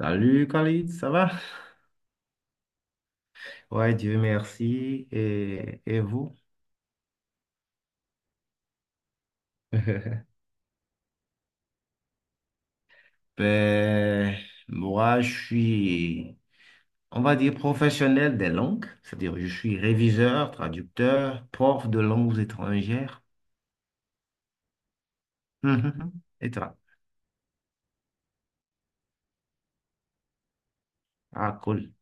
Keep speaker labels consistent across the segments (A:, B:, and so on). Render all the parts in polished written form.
A: Salut Khalid, ça va? Ouais, Dieu merci. Et vous? Ben, moi, je suis on va dire, professionnel des langues, c'est-à-dire je suis réviseur, traducteur, prof de langues étrangères. Mhm. Et toi? Ah, cool.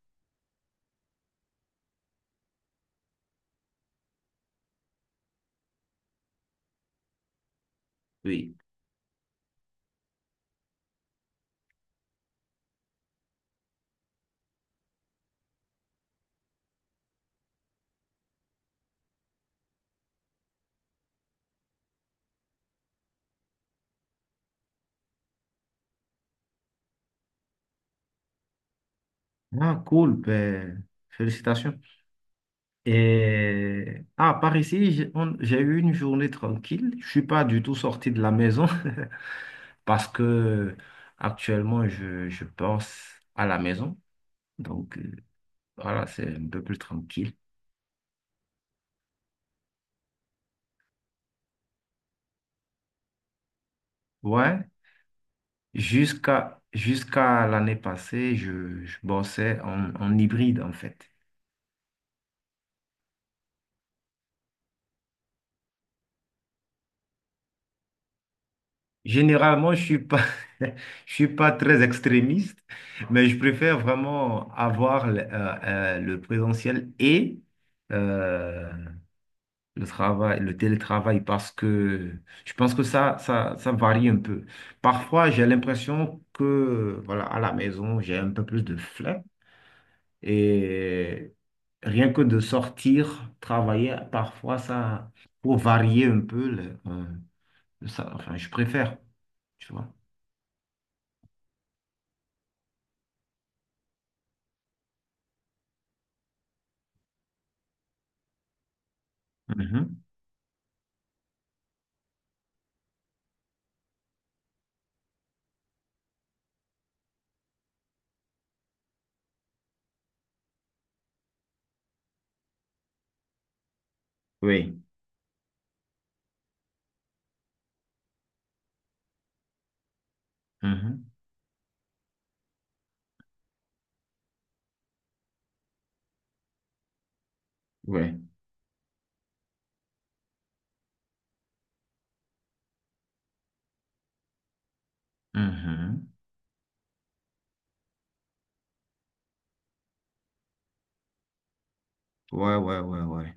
A: Oui. Ah, cool. Ben, félicitations. Et, ah, par ici, j'ai eu une journée tranquille. Je suis pas du tout sorti de la maison. Parce que actuellement, je pense à la maison. Donc, voilà, c'est un peu plus tranquille. Ouais, jusqu'à l'année passée, je bossais en, en hybride, en fait. Généralement, je suis pas, je suis pas très extrémiste, mais je préfère vraiment avoir le présentiel et euh, le travail, le télétravail, parce que je pense que ça varie un peu. Parfois, j'ai l'impression que, voilà, à la maison, j'ai un peu plus de flemme et rien que de sortir, travailler, parfois, ça, pour varier un peu, enfin, je préfère, tu vois. Mhm. Oui. Mhm. Ouais. Mhm. Ouais, ouais, ouais, ouais.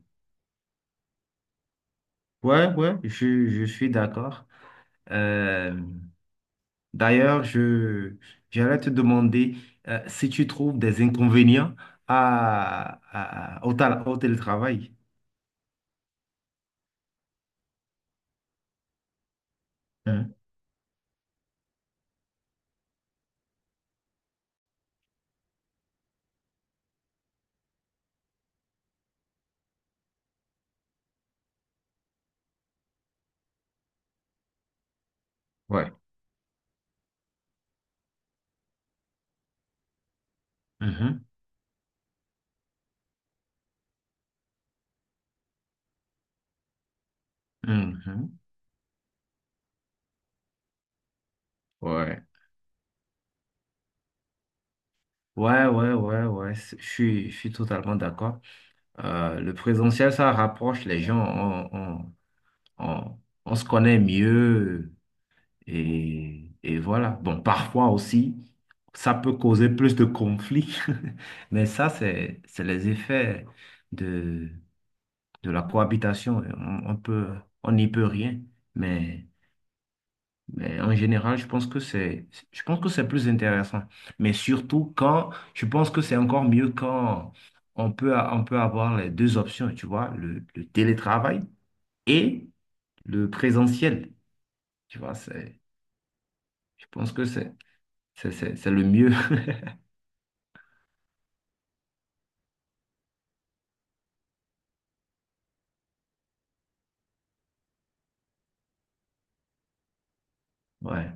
A: Ouais, ouais, je suis d'accord. Euh, D'ailleurs, j'allais te demander si tu trouves des inconvénients à, au télétravail. Mhm. Ouais, Mhm, mhm. Ouais. Ouais, ouais, ouais, ouais, je suis totalement d'accord. Le présentiel, ça rapproche les gens, on, on se connaît mieux et voilà. Bon, parfois aussi, ça peut causer plus de conflits, mais ça, c'est les effets de la cohabitation, on peut, on n'y peut rien, mais, mais en général, je pense que c'est plus intéressant. Mais surtout quand, je pense que c'est encore mieux quand on peut, on peut avoir les deux options, tu vois, le télétravail et le présentiel, tu vois, c'est, je pense que c'est le mieux. Ouais,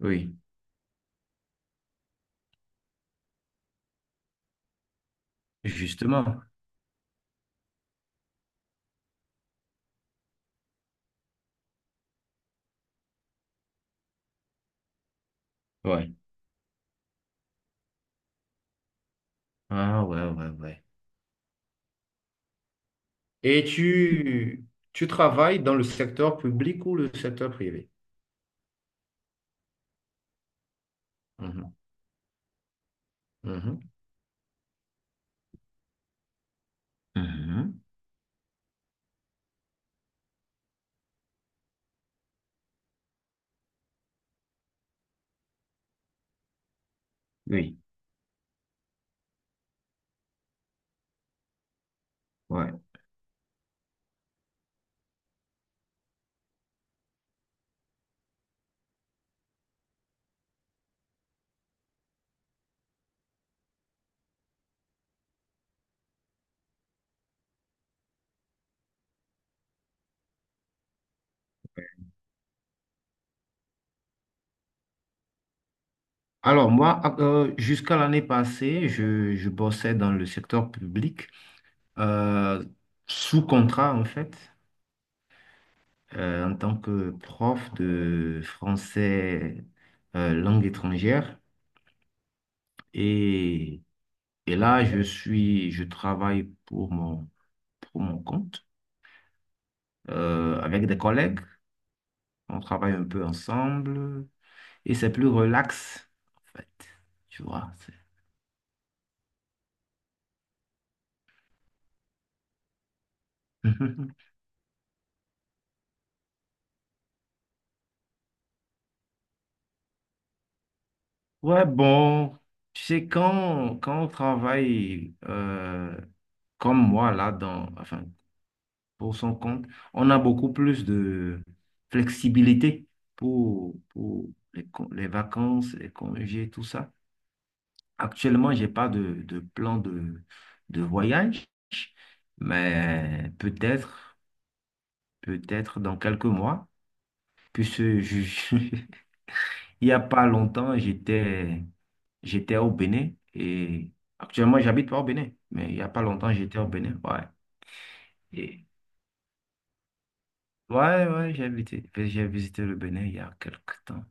A: oui, justement. Ouais. Ah ouais, ouais, ouais. Et tu travailles dans le secteur public ou le secteur privé? Mhm. Mhm, mhm. Oui, ouais. Alors moi, jusqu'à l'année passée, je bossais dans le secteur public, euh, sous contrat en fait, en tant que prof de français langue étrangère. Et, et là, je travaille pour mon compte, avec des collègues. On travaille un peu ensemble et c'est plus relax en fait. Tu vois, c'est... Ouais, bon, tu sais, quand on travaille comme moi, là, dans, enfin, pour son compte, on a beaucoup plus de flexibilité pour les, les vacances, les congés, tout ça. Actuellement, j'ai pas de, de plan de voyage, mais peut-être, peut-être dans quelques mois, puisse juger. Il y a pas longtemps, j'étais au Bénin et actuellement, j'habite pas au Bénin, mais il y a pas longtemps, j'étais au Bénin. Ouais. Et- ouais, ouais, j'ai visité le Bénin il y a quelques temps.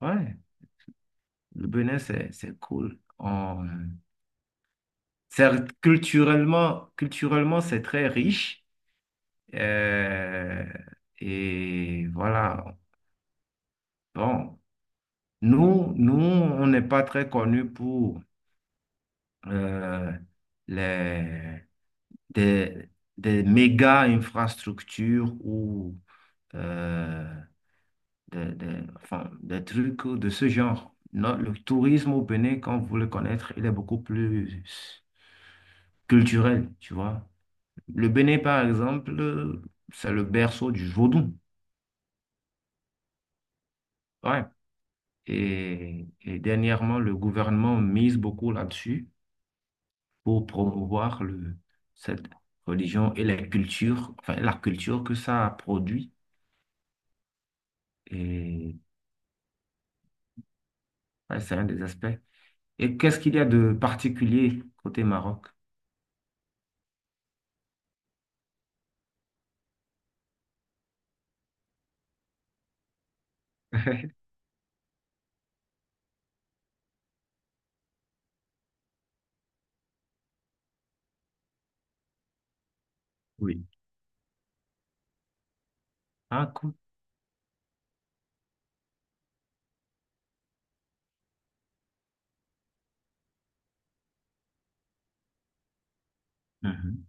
A: Ouais, le Bénin, c'est cool. Culturellement, c'est très riche. Euh, et voilà. Bon, on n'est pas très connus pour euh, les des, des méga infrastructures ou euh, enfin, des trucs de ce genre. Non, le tourisme au Bénin, quand vous le connaître, il est beaucoup plus culturel, tu vois. Le Bénin, par exemple, c'est le berceau du vaudou. Ouais. Et dernièrement, le gouvernement mise beaucoup là-dessus pour promouvoir cette religion et la culture, enfin la culture que ça a produit. Et ouais, c'est un des aspects. Et qu'est-ce qu'il y a de particulier côté Maroc? Oui. Ah, cool. Mhm.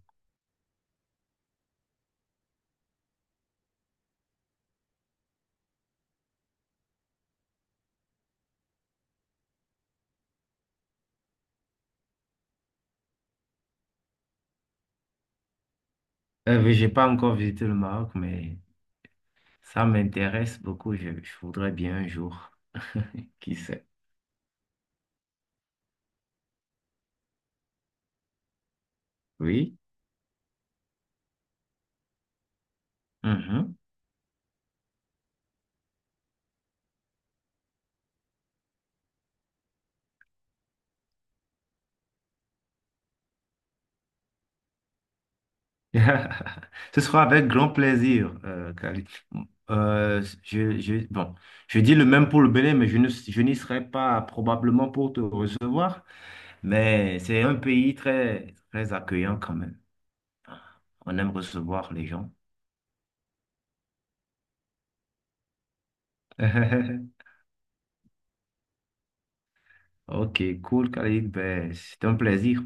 A: Mais j'ai pas encore visité le Maroc, mais ça m'intéresse beaucoup. Je voudrais bien un jour. Qui sait? Oui. Mhm. Ce sera avec grand plaisir, Khalid. Bon, je dis le même pour le Bénin, mais je n'y serai pas probablement pour te recevoir. Mais c'est un pays très, très accueillant quand même. On aime recevoir les gens. Ok, cool, Khalid. Ben, c'était un plaisir.